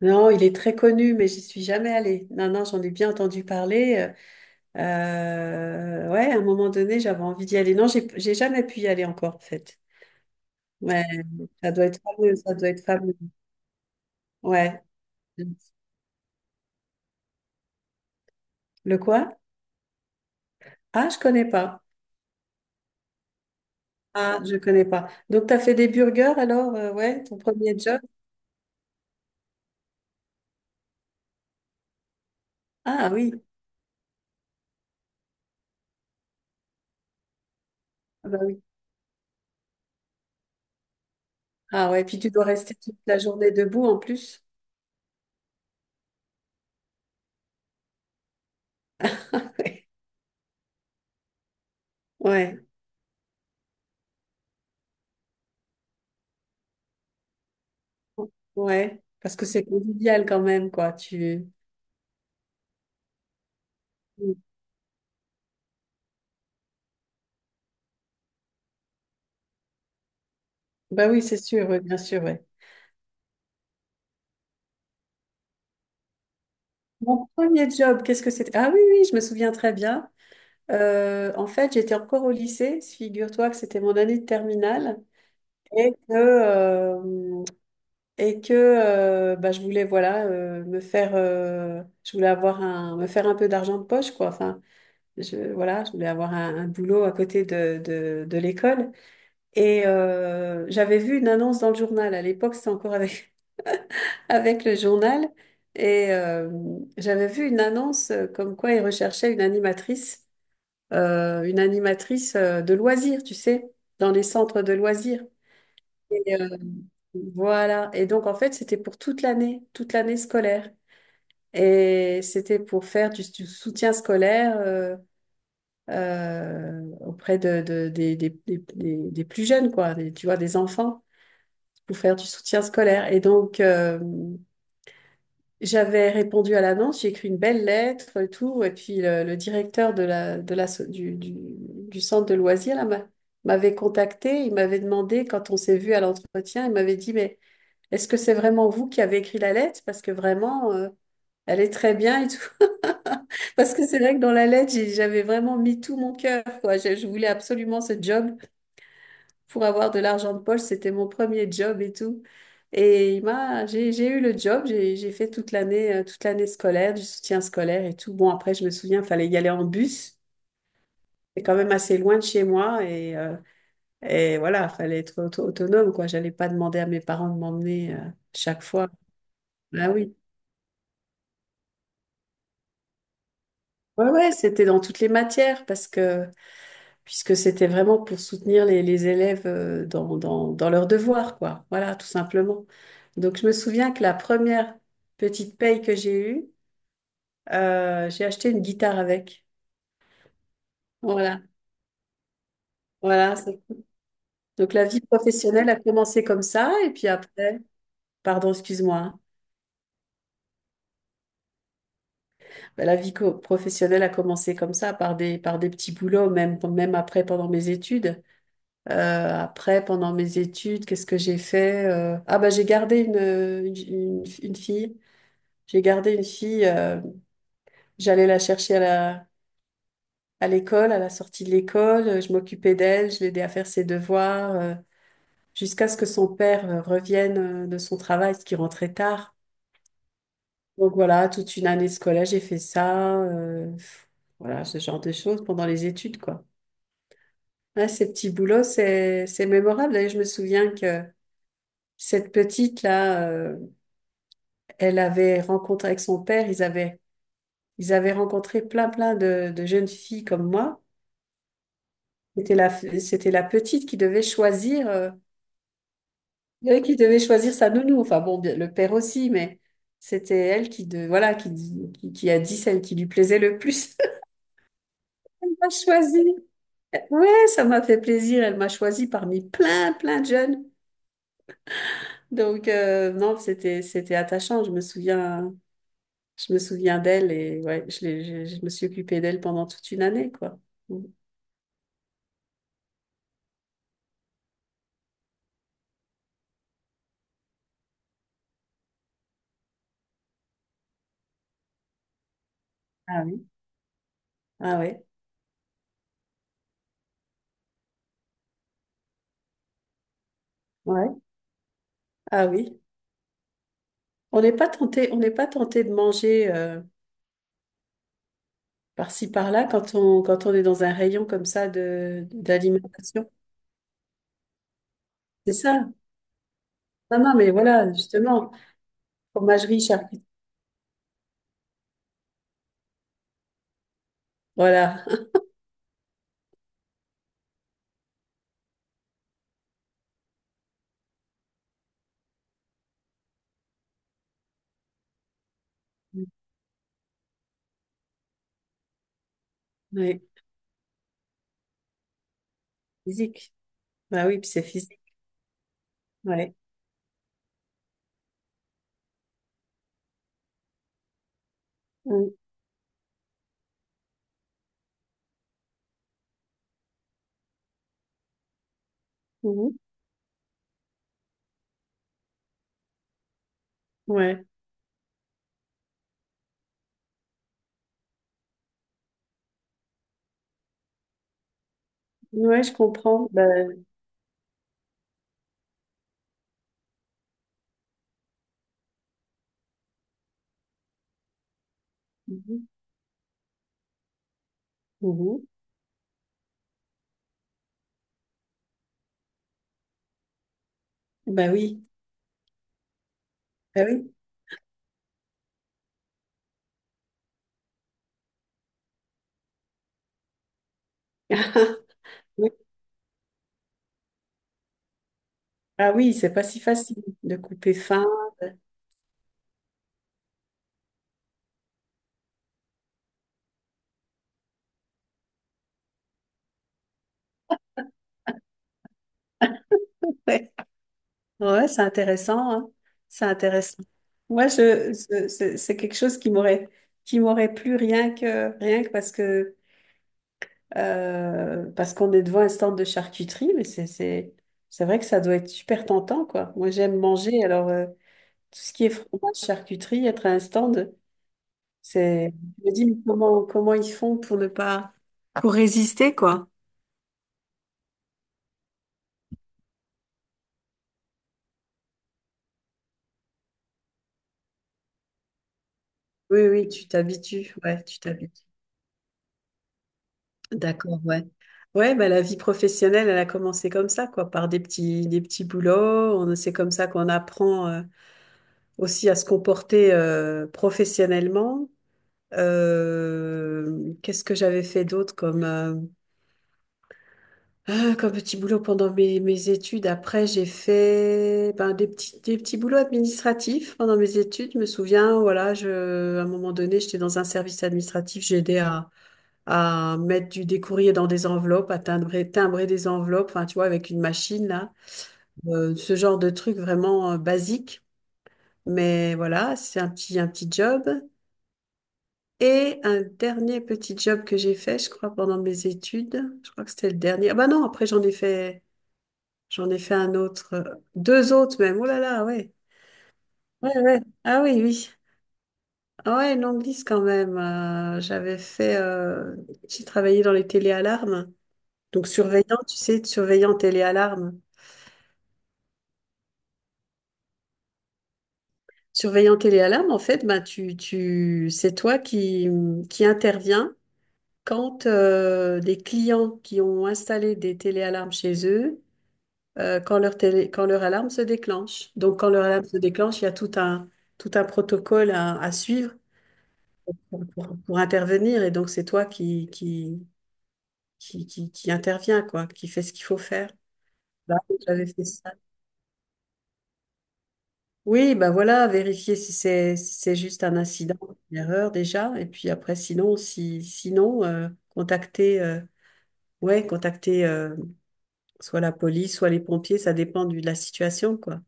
Non, il est très connu, mais j'y suis jamais allée. Non, non, j'en ai bien entendu parler. Euh, ouais, à un moment donné, j'avais envie d'y aller. Non, j'ai jamais pu y aller encore, en fait. Ouais, ça doit être fameux, ça doit être fameux. Ouais. Le quoi? Ah, je connais pas. Ah, je connais pas. Donc, tu as fait des burgers alors, ouais, ton premier job? Ah oui, ah, bah oui. Ah ouais, puis tu dois rester toute la journée debout en plus. Ouais, ouais, parce que c'est convivial quand même, quoi. Tu... Bah oui, c'est sûr, oui, bien sûr, ouais. Mon premier job, qu'est-ce que c'était? Ah oui, oui, je me souviens très bien. En fait, j'étais encore au lycée, figure-toi que c'était mon année de terminale et que, euh, et que, bah, je voulais voilà me faire, je voulais avoir un, me faire un peu d'argent de poche quoi. Enfin, je, voilà, je voulais avoir un, boulot à côté de, de l'école et j'avais vu une annonce dans le journal. À l'époque, c'était encore avec le journal et j'avais vu une annonce comme quoi ils recherchaient une animatrice de loisirs, tu sais, dans les centres de loisirs. Et, voilà. Et donc, en fait, c'était pour toute l'année scolaire. Et c'était pour faire du soutien scolaire auprès des plus jeunes, quoi, tu vois, des enfants, pour faire du soutien scolaire. Et donc, j'avais répondu à l'annonce, j'ai écrit une belle lettre et tout, et puis le directeur de la, so- du centre de loisirs là, m'avait contacté, il m'avait demandé, quand on s'est vu à l'entretien, il m'avait dit, mais est-ce que c'est vraiment vous qui avez écrit la lettre? Parce que vraiment, elle est très bien et tout. Parce que c'est vrai que dans la lettre, j'avais vraiment mis tout mon cœur, quoi. Je voulais absolument ce job pour avoir de l'argent de poche. C'était mon premier job et tout. Et j'ai eu le job, j'ai fait toute l'année scolaire, du soutien scolaire et tout. Bon, après, je me souviens, il fallait y aller en bus. C'est quand même assez loin de chez moi et voilà, fallait être autonome, quoi. J'allais pas demander à mes parents de m'emmener chaque fois. Ah oui. Ouais, ouais, c'était dans toutes les matières parce que puisque c'était vraiment pour soutenir les élèves dans leurs devoirs, quoi. Voilà, tout simplement. Donc, je me souviens que la première petite paye que j'ai eue, j'ai acheté une guitare avec. Voilà, voilà. Donc, la vie professionnelle a commencé comme ça, et puis après, pardon, excuse-moi, hein. Bah, la vie professionnelle a commencé comme ça, par des petits boulots, même, même après, pendant mes études. Après, pendant mes études, qu'est-ce que j'ai fait? Ah, bah, j'ai gardé une fille. J'ai gardé une fille, j'allais la chercher à l'école, à la sortie de l'école, je m'occupais d'elle, je l'aidais à faire ses devoirs, jusqu'à ce que son père revienne de son travail, ce qui rentrait tard. Donc voilà, toute une année scolaire, j'ai fait ça, voilà, ce genre de choses pendant les études, quoi. Ouais, ces petits boulots, c'est mémorable. D'ailleurs, je me souviens que cette petite-là, elle avait rencontré avec son père, ils avaient rencontré plein, plein de jeunes filles comme moi. C'était la, c'était la petite qui devait choisir, elle qui devait choisir sa nounou. Enfin bon, le père aussi, mais c'était elle qui, voilà, qui a dit celle qui lui plaisait le plus. Elle m'a choisi. Ouais, ça m'a fait plaisir. Elle m'a choisi parmi plein, plein de jeunes. Donc non, c'était attachant. Je me souviens d'elle et ouais, je me suis occupée d'elle pendant toute une année, quoi. Ah oui. Ah ouais. Ouais. Ah oui. On n'est pas tenté, on n'est pas tenté de manger. Par-ci, par-là, quand on est dans un rayon comme ça d'alimentation. C'est ça. Non, non, mais voilà, justement, fromagerie, charcuterie. Voilà. Ouais, physique. Bah oui, puis c'est physique. Ouais. Mm, mhm. Ouais. Ouais, je comprends. Bah, mhm, mhm. Bah oui. Bah oui. Oui. Ah oui, c'est pas si facile de couper fin. Ouais, Ouais, c'est intéressant, hein. C'est intéressant. Moi, c'est quelque chose qui m'aurait plu rien que, rien que parce qu'on est devant un stand de charcuterie, mais c'est vrai que ça doit être super tentant, quoi. Moi, j'aime manger, alors tout ce qui est fromage, charcuterie, être à un stand, c'est... Je me dis, mais comment ils font pour ne pas... pour résister, quoi. Oui, oui, tu t'habitues, ouais, tu t'habitues. D'accord, ouais. Ouais, bah, la vie professionnelle, elle a commencé comme ça, quoi, par des petits boulots. C'est comme ça qu'on apprend aussi à se comporter professionnellement. Qu'est-ce que j'avais fait d'autre comme petit boulot pendant mes études? Après, j'ai fait ben, des petits boulots administratifs pendant mes études. Je me souviens, voilà, à un moment donné, j'étais dans un service administratif. J'ai aidé à mettre des courriers dans des enveloppes, à timbrer des enveloppes, enfin, tu vois, avec une machine, là. Ce genre de truc vraiment basique. Mais voilà, c'est un petit job. Et un dernier petit job que j'ai fait, je crois, pendant mes études. Je crois que c'était le dernier. Ah bah non, après j'en ai fait un autre, deux autres même. Oh là là, ouais. Ouais, ouais. Ah oui, oui. Ah ouais, une longue liste quand même. J'ai travaillé dans les téléalarmes. Donc surveillant, tu sais, surveillant téléalarme. Surveillant téléalarme, en fait, bah, c'est toi qui, interviens quand les clients qui ont installé des téléalarmes chez eux quand leur alarme se déclenche. Donc, quand leur alarme se déclenche, il y a tout un protocole à suivre pour intervenir. Et donc, c'est toi qui intervient, quoi, qui fait ce qu'il faut faire. Bah, j'avais fait ça. Oui, bah voilà, vérifier si c'est juste un incident, une erreur déjà, et puis après, sinon, si sinon, ouais, contacter soit la police, soit les pompiers, ça dépend de la situation, quoi.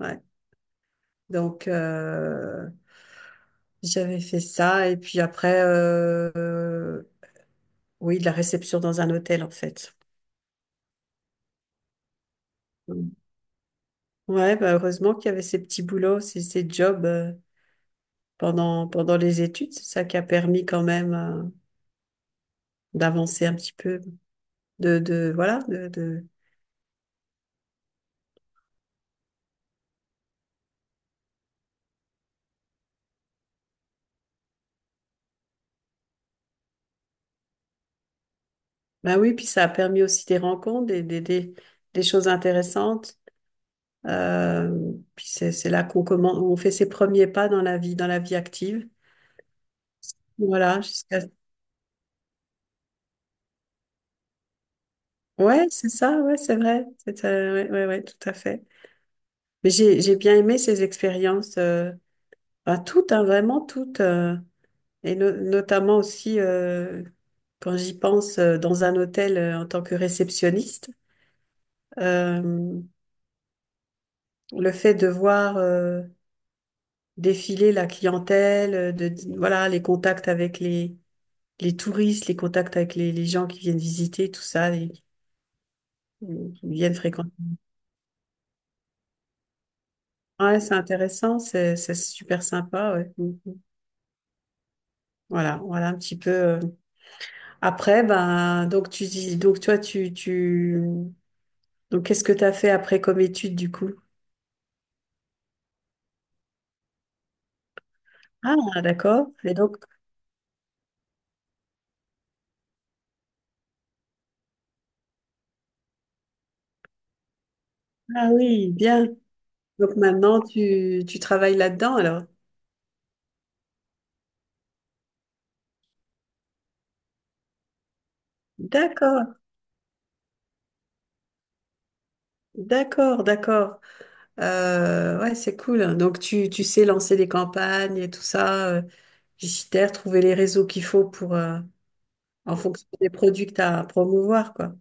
Ouais. Donc, j'avais fait ça et puis après, oui, de la réception dans un hôtel en fait. Mm. Ouais, bah heureusement qu'il y avait ces petits boulots, ces jobs pendant les études. C'est ça qui a permis quand même d'avancer un petit peu. De, voilà, de... Bah oui, puis ça a permis aussi des rencontres, des choses intéressantes. Euh, Puis c'est là qu'on commence, on fait ses premiers pas dans la vie, dans la vie active. Voilà, jusqu'à... Ouais, c'est ça, ouais, c'est vrai. C'est, ouais, ouais, ouais, tout à fait. Mais j'ai bien aimé ces expériences, enfin, toutes, hein, vraiment toutes, et notamment aussi quand j'y pense dans un hôtel en tant que réceptionniste, euh, le fait de voir défiler la clientèle, de voilà les contacts avec les touristes, les contacts avec les gens qui viennent visiter, tout ça, qui viennent fréquenter. Ouais, c'est intéressant, c'est super sympa. Ouais. Voilà, voilà un petit peu. Après, ben, donc tu dis, donc toi, donc qu'est-ce que tu as fait après comme étude du coup? Ah, d'accord. Et donc, ah oui, bien. Donc maintenant, tu travailles là-dedans alors? D'accord, d'accord, d'accord. Ouais, c'est cool. Donc tu sais lancer des campagnes et tout ça, publicitaire, trouver les réseaux qu'il faut pour, en fonction des produits que tu as à promouvoir, quoi.